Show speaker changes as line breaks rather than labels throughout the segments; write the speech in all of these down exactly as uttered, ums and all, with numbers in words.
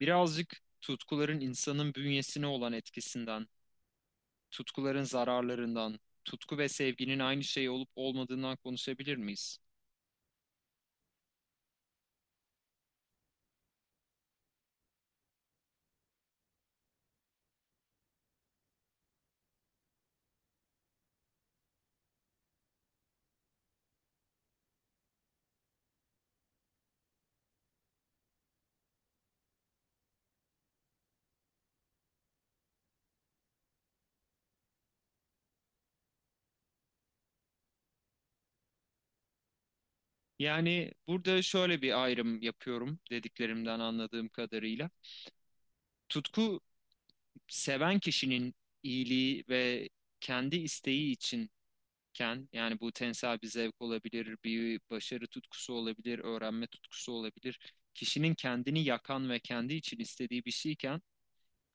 Birazcık tutkuların insanın bünyesine olan etkisinden, tutkuların zararlarından, tutku ve sevginin aynı şey olup olmadığından konuşabilir miyiz? Yani burada şöyle bir ayrım yapıyorum dediklerimden anladığım kadarıyla. Tutku seven kişinin iyiliği ve kendi isteği içinken, yani bu tensel bir zevk olabilir, bir başarı tutkusu olabilir, öğrenme tutkusu olabilir. Kişinin kendini yakan ve kendi için istediği bir şeyken,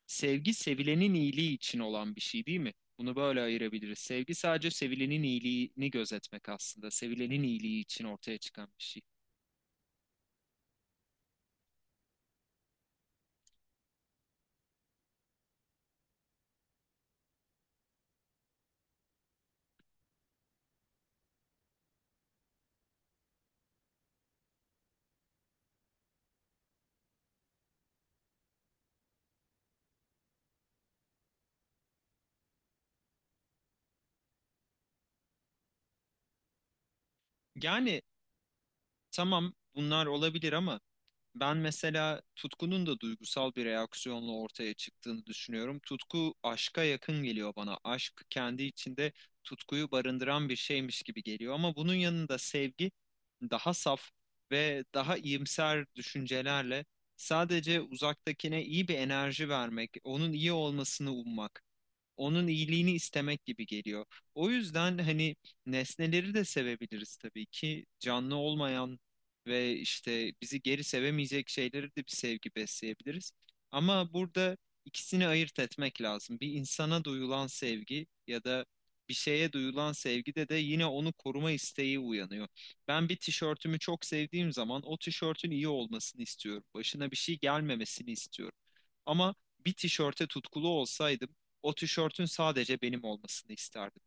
sevgi sevilenin iyiliği için olan bir şey değil mi? Bunu böyle ayırabiliriz. Sevgi sadece sevilenin iyiliğini gözetmek aslında. Sevilenin iyiliği için ortaya çıkan bir şey. Yani tamam, bunlar olabilir ama ben mesela tutkunun da duygusal bir reaksiyonla ortaya çıktığını düşünüyorum. Tutku aşka yakın geliyor bana. Aşk kendi içinde tutkuyu barındıran bir şeymiş gibi geliyor, ama bunun yanında sevgi daha saf ve daha iyimser düşüncelerle sadece uzaktakine iyi bir enerji vermek, onun iyi olmasını ummak, onun iyiliğini istemek gibi geliyor. O yüzden hani nesneleri de sevebiliriz tabii ki. Canlı olmayan ve işte bizi geri sevemeyecek şeyleri de bir sevgi besleyebiliriz. Ama burada ikisini ayırt etmek lazım. Bir insana duyulan sevgi ya da bir şeye duyulan sevgide de yine onu koruma isteği uyanıyor. Ben bir tişörtümü çok sevdiğim zaman o tişörtün iyi olmasını istiyorum. Başına bir şey gelmemesini istiyorum. Ama bir tişörte tutkulu olsaydım o tişörtün sadece benim olmasını isterdim.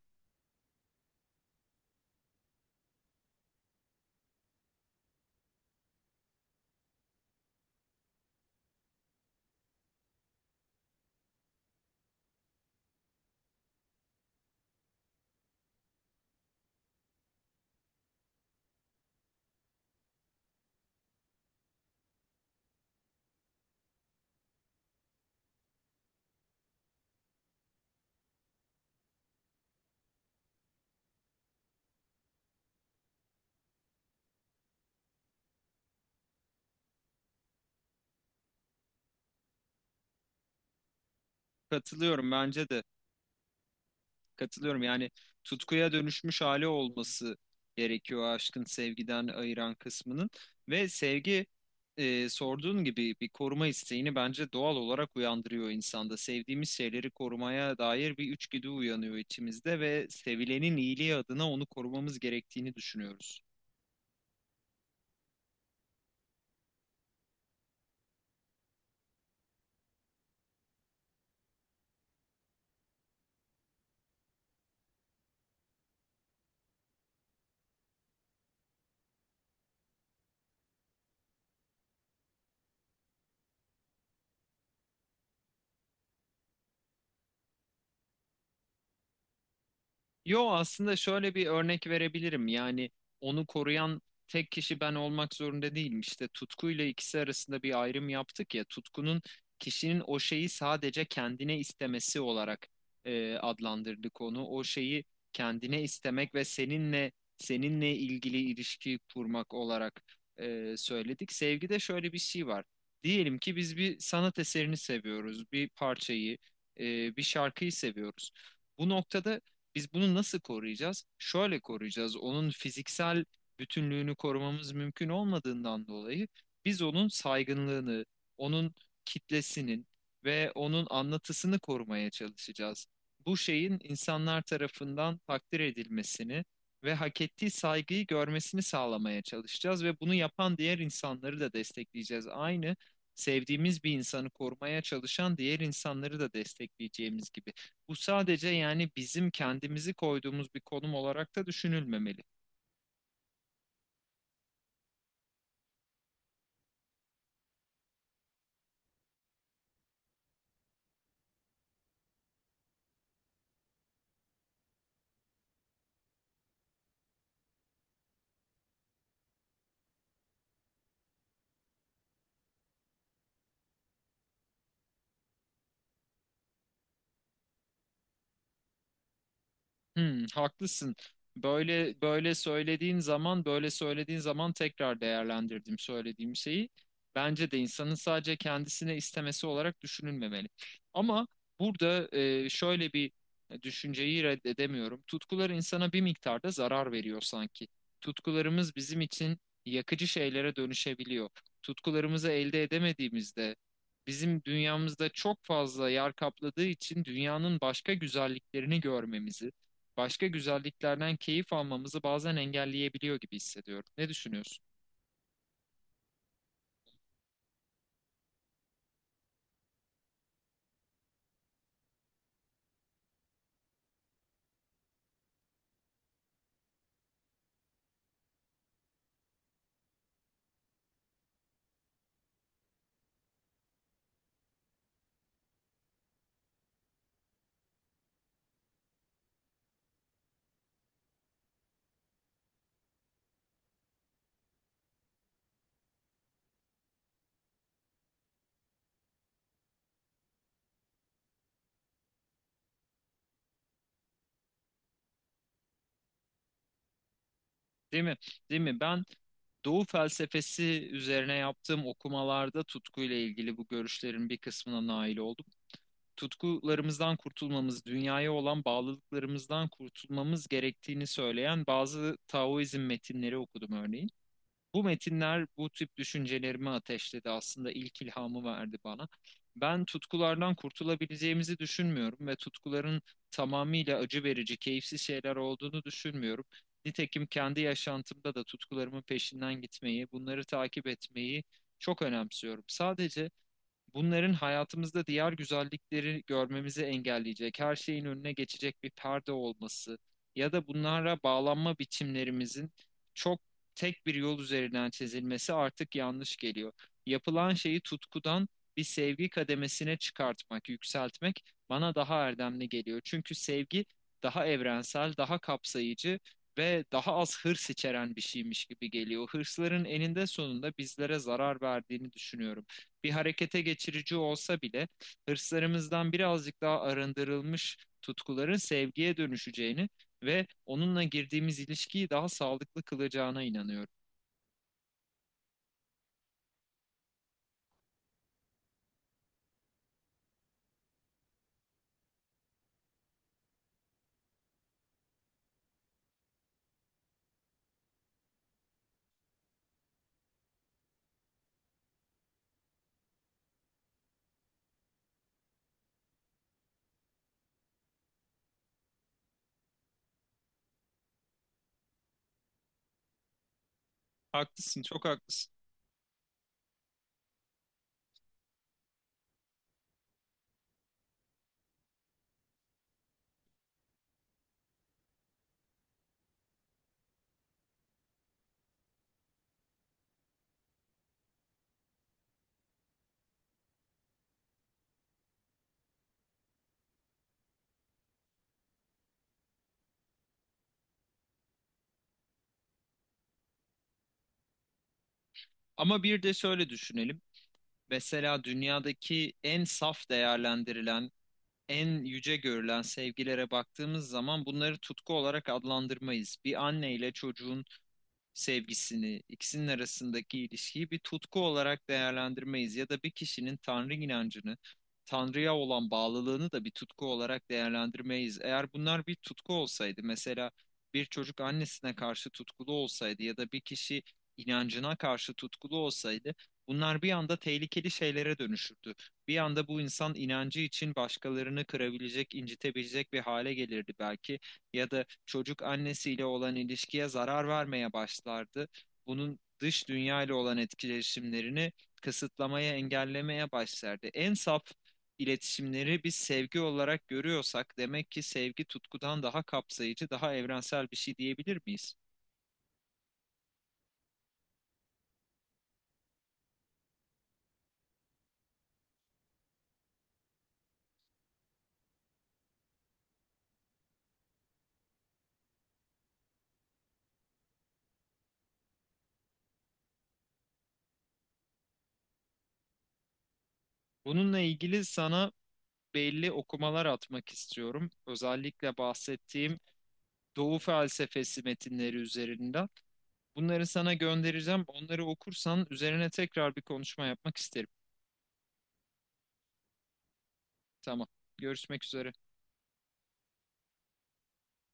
Katılıyorum bence de. Katılıyorum. Yani tutkuya dönüşmüş hali olması gerekiyor aşkın sevgiden ayıran kısmının. Ve sevgi, e, sorduğun gibi bir koruma isteğini bence doğal olarak uyandırıyor insanda. Sevdiğimiz şeyleri korumaya dair bir içgüdü uyanıyor içimizde ve sevilenin iyiliği adına onu korumamız gerektiğini düşünüyoruz. Yo, aslında şöyle bir örnek verebilirim. Yani onu koruyan tek kişi ben olmak zorunda değilim. İşte tutkuyla ikisi arasında bir ayrım yaptık ya. Tutkunun kişinin o şeyi sadece kendine istemesi olarak e, adlandırdık onu. O şeyi kendine istemek ve seninle seninle ilgili ilişki kurmak olarak e, söyledik. Sevgide şöyle bir şey var. Diyelim ki biz bir sanat eserini seviyoruz, bir parçayı, e, bir şarkıyı seviyoruz. Bu noktada biz bunu nasıl koruyacağız? Şöyle koruyacağız. Onun fiziksel bütünlüğünü korumamız mümkün olmadığından dolayı biz onun saygınlığını, onun kitlesinin ve onun anlatısını korumaya çalışacağız. Bu şeyin insanlar tarafından takdir edilmesini ve hak ettiği saygıyı görmesini sağlamaya çalışacağız ve bunu yapan diğer insanları da destekleyeceğiz. Aynı sevdiğimiz bir insanı korumaya çalışan diğer insanları da destekleyeceğimiz gibi. Bu sadece yani bizim kendimizi koyduğumuz bir konum olarak da düşünülmemeli. Hmm, haklısın. Böyle böyle söylediğin zaman, böyle söylediğin zaman tekrar değerlendirdim söylediğim şeyi. Bence de insanın sadece kendisine istemesi olarak düşünülmemeli. Ama burada, e, şöyle bir düşünceyi reddedemiyorum. Tutkular insana bir miktarda zarar veriyor sanki. Tutkularımız bizim için yakıcı şeylere dönüşebiliyor. Tutkularımızı elde edemediğimizde bizim dünyamızda çok fazla yer kapladığı için dünyanın başka güzelliklerini görmemizi, başka güzelliklerden keyif almamızı bazen engelleyebiliyor gibi hissediyorum. Ne düşünüyorsun? Değil mi? Değil mi? Ben Doğu felsefesi üzerine yaptığım okumalarda tutkuyla ilgili bu görüşlerin bir kısmına nail oldum. Tutkularımızdan kurtulmamız, dünyaya olan bağlılıklarımızdan kurtulmamız gerektiğini söyleyen bazı Taoizm metinleri okudum örneğin. Bu metinler bu tip düşüncelerimi ateşledi. Aslında ilk ilhamı verdi bana. Ben tutkulardan kurtulabileceğimizi düşünmüyorum ve tutkuların tamamıyla acı verici, keyifsiz şeyler olduğunu düşünmüyorum. Nitekim kendi yaşantımda da tutkularımın peşinden gitmeyi, bunları takip etmeyi çok önemsiyorum. Sadece bunların hayatımızda diğer güzellikleri görmemizi engelleyecek, her şeyin önüne geçecek bir perde olması ya da bunlara bağlanma biçimlerimizin çok tek bir yol üzerinden çizilmesi artık yanlış geliyor. Yapılan şeyi tutkudan bir sevgi kademesine çıkartmak, yükseltmek bana daha erdemli geliyor. Çünkü sevgi daha evrensel, daha kapsayıcı ve daha az hırs içeren bir şeymiş gibi geliyor. Hırsların eninde sonunda bizlere zarar verdiğini düşünüyorum, bir harekete geçirici olsa bile hırslarımızdan birazcık daha arındırılmış tutkuların sevgiye dönüşeceğini ve onunla girdiğimiz ilişkiyi daha sağlıklı kılacağına inanıyorum. Haklısın, çok haklısın. Ama bir de şöyle düşünelim. Mesela dünyadaki en saf değerlendirilen, en yüce görülen sevgilere baktığımız zaman bunları tutku olarak adlandırmayız. Bir anne ile çocuğun sevgisini, ikisinin arasındaki ilişkiyi bir tutku olarak değerlendirmeyiz ya da bir kişinin Tanrı inancını, Tanrı'ya olan bağlılığını da bir tutku olarak değerlendirmeyiz. Eğer bunlar bir tutku olsaydı, mesela bir çocuk annesine karşı tutkulu olsaydı ya da bir kişi inancına karşı tutkulu olsaydı, bunlar bir anda tehlikeli şeylere dönüşürdü. Bir anda bu insan inancı için başkalarını kırabilecek, incitebilecek bir hale gelirdi belki ya da çocuk annesiyle olan ilişkiye zarar vermeye başlardı. Bunun dış dünya ile olan etkileşimlerini kısıtlamaya, engellemeye başlardı. En saf iletişimleri biz sevgi olarak görüyorsak demek ki sevgi tutkudan daha kapsayıcı, daha evrensel bir şey diyebilir miyiz? Bununla ilgili sana belli okumalar atmak istiyorum. Özellikle bahsettiğim Doğu felsefesi metinleri üzerinden. Bunları sana göndereceğim. Onları okursan üzerine tekrar bir konuşma yapmak isterim. Tamam. Görüşmek üzere.